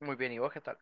Muy bien, ¿y vos qué tal?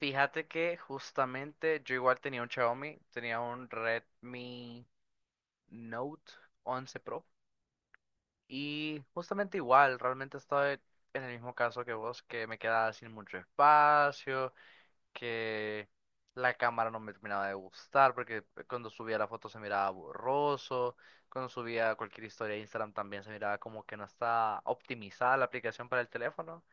Fíjate que justamente yo igual tenía un Xiaomi, tenía un Redmi Note 11 Pro. Y justamente igual, realmente estaba en el mismo caso que vos, que me quedaba sin mucho espacio, que la cámara no me terminaba de gustar porque cuando subía la foto se miraba borroso, cuando subía cualquier historia a Instagram también se miraba como que no estaba optimizada la aplicación para el teléfono.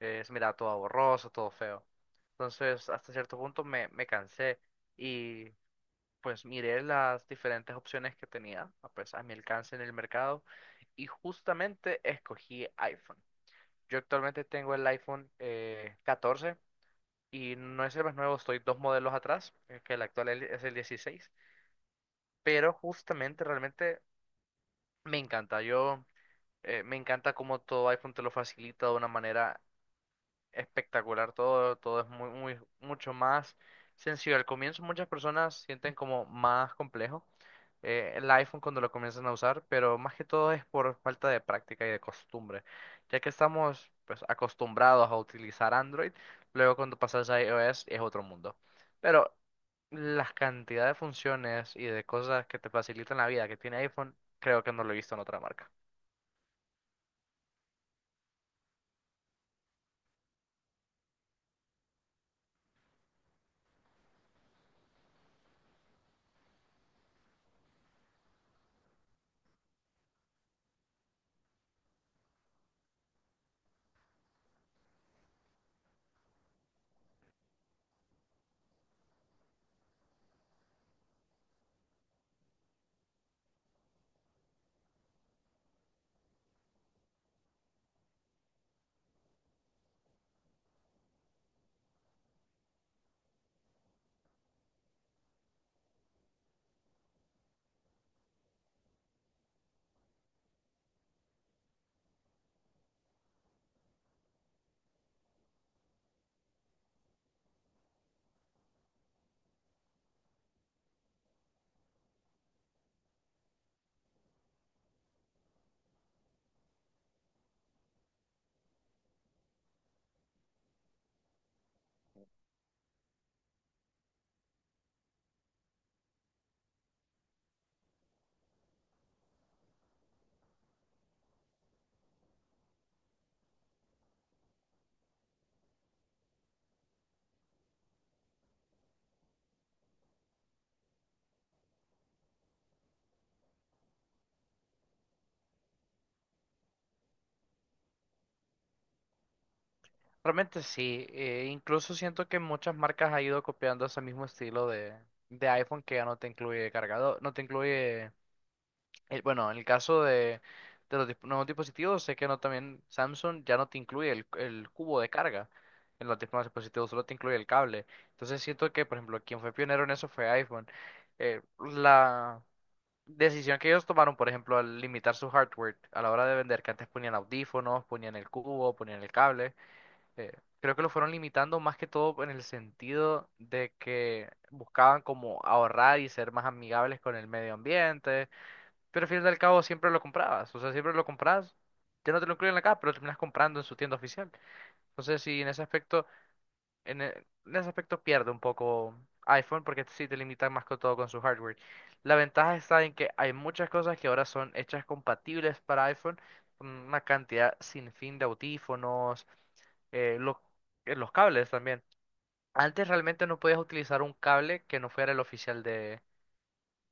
Se miraba todo borroso, todo feo. Entonces, hasta cierto punto me cansé y pues miré las diferentes opciones que tenía, pues a mi alcance en el mercado, y justamente escogí iPhone. Yo actualmente tengo el iPhone 14, y no es el más nuevo, estoy dos modelos atrás, que el actual es el 16, pero justamente realmente me encanta. Yo Me encanta cómo todo iPhone te lo facilita de una manera espectacular. Todo, todo es muy, muy, mucho más sencillo. Al comienzo muchas personas sienten como más complejo el iPhone cuando lo comienzan a usar, pero más que todo es por falta de práctica y de costumbre, ya que estamos pues acostumbrados a utilizar Android, luego cuando pasas a iOS es otro mundo. Pero las cantidad de funciones y de cosas que te facilitan la vida que tiene iPhone, creo que no lo he visto en otra marca. Realmente sí, incluso siento que muchas marcas han ido copiando ese mismo estilo de iPhone, que ya no te incluye cargador, no te incluye, bueno, en el caso de los nuevos dispositivos, sé que no, también Samsung ya no te incluye el cubo de carga, en los nuevos dispositivos solo te incluye el cable. Entonces siento que, por ejemplo, quien fue pionero en eso fue iPhone. La decisión que ellos tomaron, por ejemplo, al limitar su hardware a la hora de vender, que antes ponían audífonos, ponían el cubo, ponían el cable, eh, creo que lo fueron limitando más que todo en el sentido de que buscaban como ahorrar y ser más amigables con el medio ambiente, pero al fin y al cabo siempre lo comprabas, o sea, siempre lo compras, ya no te lo incluyen acá, pero lo terminas comprando en su tienda oficial. Entonces, sí, en ese aspecto, en ese aspecto pierde un poco iPhone porque sí te limitan más que todo con su hardware. La ventaja está en que hay muchas cosas que ahora son hechas compatibles para iPhone, una cantidad sin fin de audífonos, eh, los, los cables también. Antes realmente no podías utilizar un cable que no fuera el oficial de,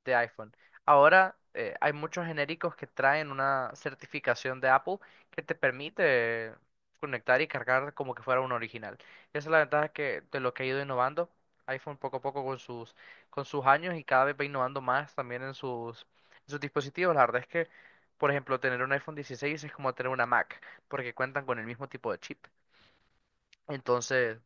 de iPhone. Ahora hay muchos genéricos que traen una certificación de Apple que te permite conectar y cargar como que fuera un original. Esa es la ventaja, que, de lo que ha ido innovando iPhone poco a poco con sus años, y cada vez va innovando más también en sus dispositivos. La verdad es que, por ejemplo, tener un iPhone 16 es como tener una Mac porque cuentan con el mismo tipo de chip. Entonces,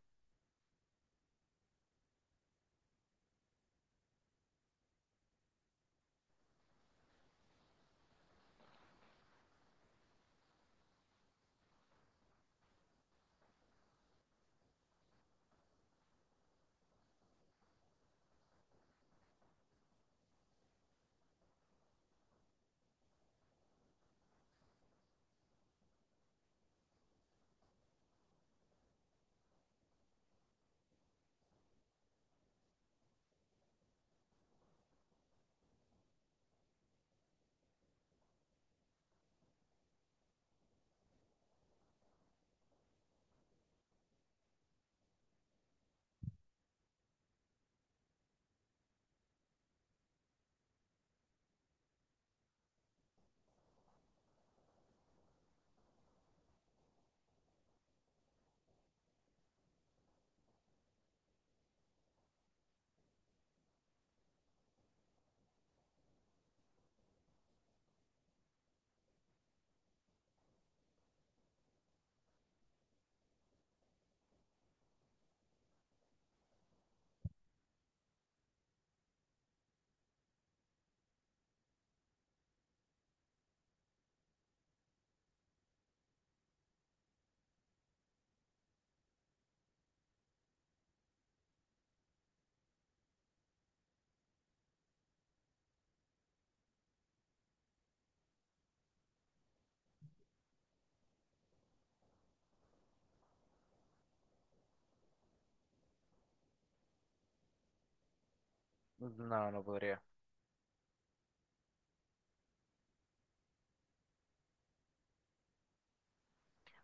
no, no podría.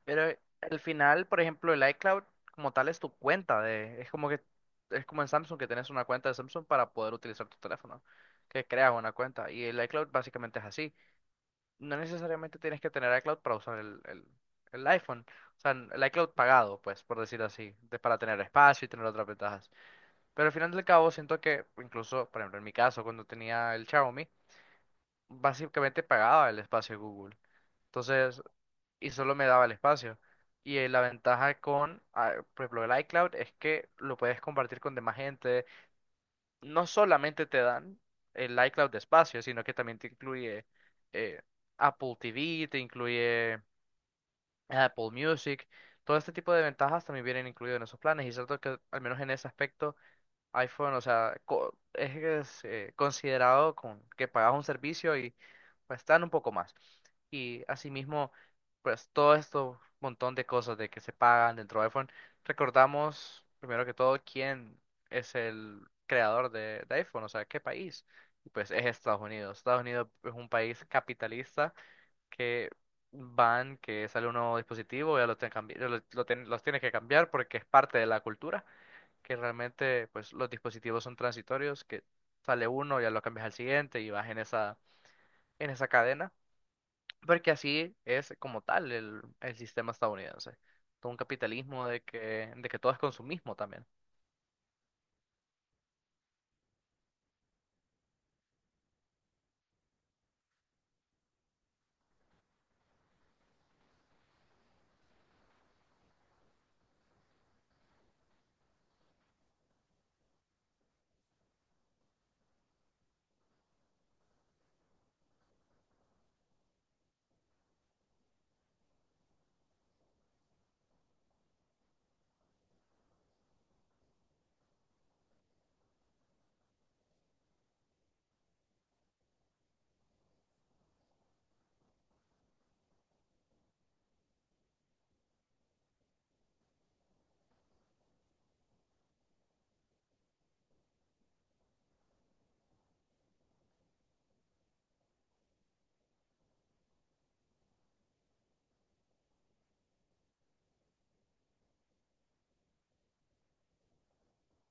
Pero al final, por ejemplo, el iCloud como tal es tu cuenta de, es como que es como en Samsung, que tienes una cuenta de Samsung para poder utilizar tu teléfono, que creas una cuenta, y el iCloud básicamente es así. No necesariamente tienes que tener iCloud para usar el iPhone, o sea, el iCloud pagado, pues, por decir así, para tener espacio y tener otras ventajas. Pero al final del cabo siento que incluso, por ejemplo, en mi caso cuando tenía el Xiaomi, básicamente pagaba el espacio de Google. Entonces, y solo me daba el espacio. Y la ventaja con, por ejemplo, el iCloud es que lo puedes compartir con demás gente. No solamente te dan el iCloud de espacio, sino que también te incluye eh, Apple TV, te incluye Apple Music. Todo este tipo de ventajas también vienen incluidos en esos planes. Y es cierto que, al menos en ese aspecto, iPhone, o sea, considerado con que pagas un servicio y pues dan un poco más. Y asimismo, pues todo esto montón de cosas de que se pagan dentro de iPhone. Recordamos, primero que todo, quién es el creador de iPhone, o sea, qué país. Y pues es Estados Unidos. Estados Unidos es un país capitalista que van, que sale un nuevo dispositivo, ya lo tienen los tiene que cambiar porque es parte de la cultura, que realmente pues los dispositivos son transitorios, que sale uno, ya lo cambias al siguiente y vas en esa cadena. Porque así es como tal el sistema estadounidense. Todo un capitalismo de de que todo es consumismo también.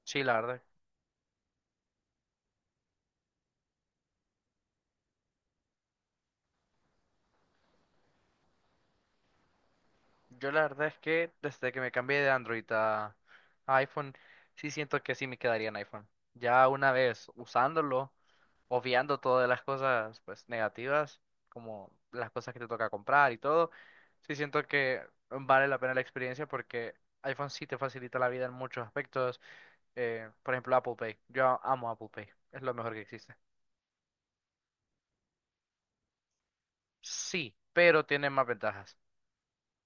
Sí, la verdad. Yo la verdad es que desde que me cambié de Android a iPhone, sí siento que sí me quedaría en iPhone. Ya una vez usándolo, obviando todas las cosas pues negativas, como las cosas que te toca comprar y todo, sí siento que vale la pena la experiencia porque iPhone sí te facilita la vida en muchos aspectos. Por ejemplo, Apple Pay. Yo amo Apple Pay. Es lo mejor que existe. Sí, pero tiene más ventajas.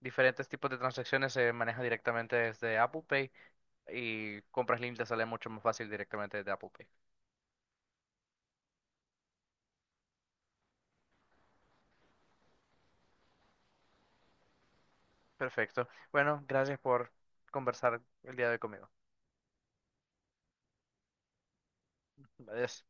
Diferentes tipos de transacciones se manejan directamente desde Apple Pay, y compras líneas sale mucho más fácil directamente desde Apple Pay. Perfecto. Bueno, gracias por conversar el día de hoy conmigo. Adiós.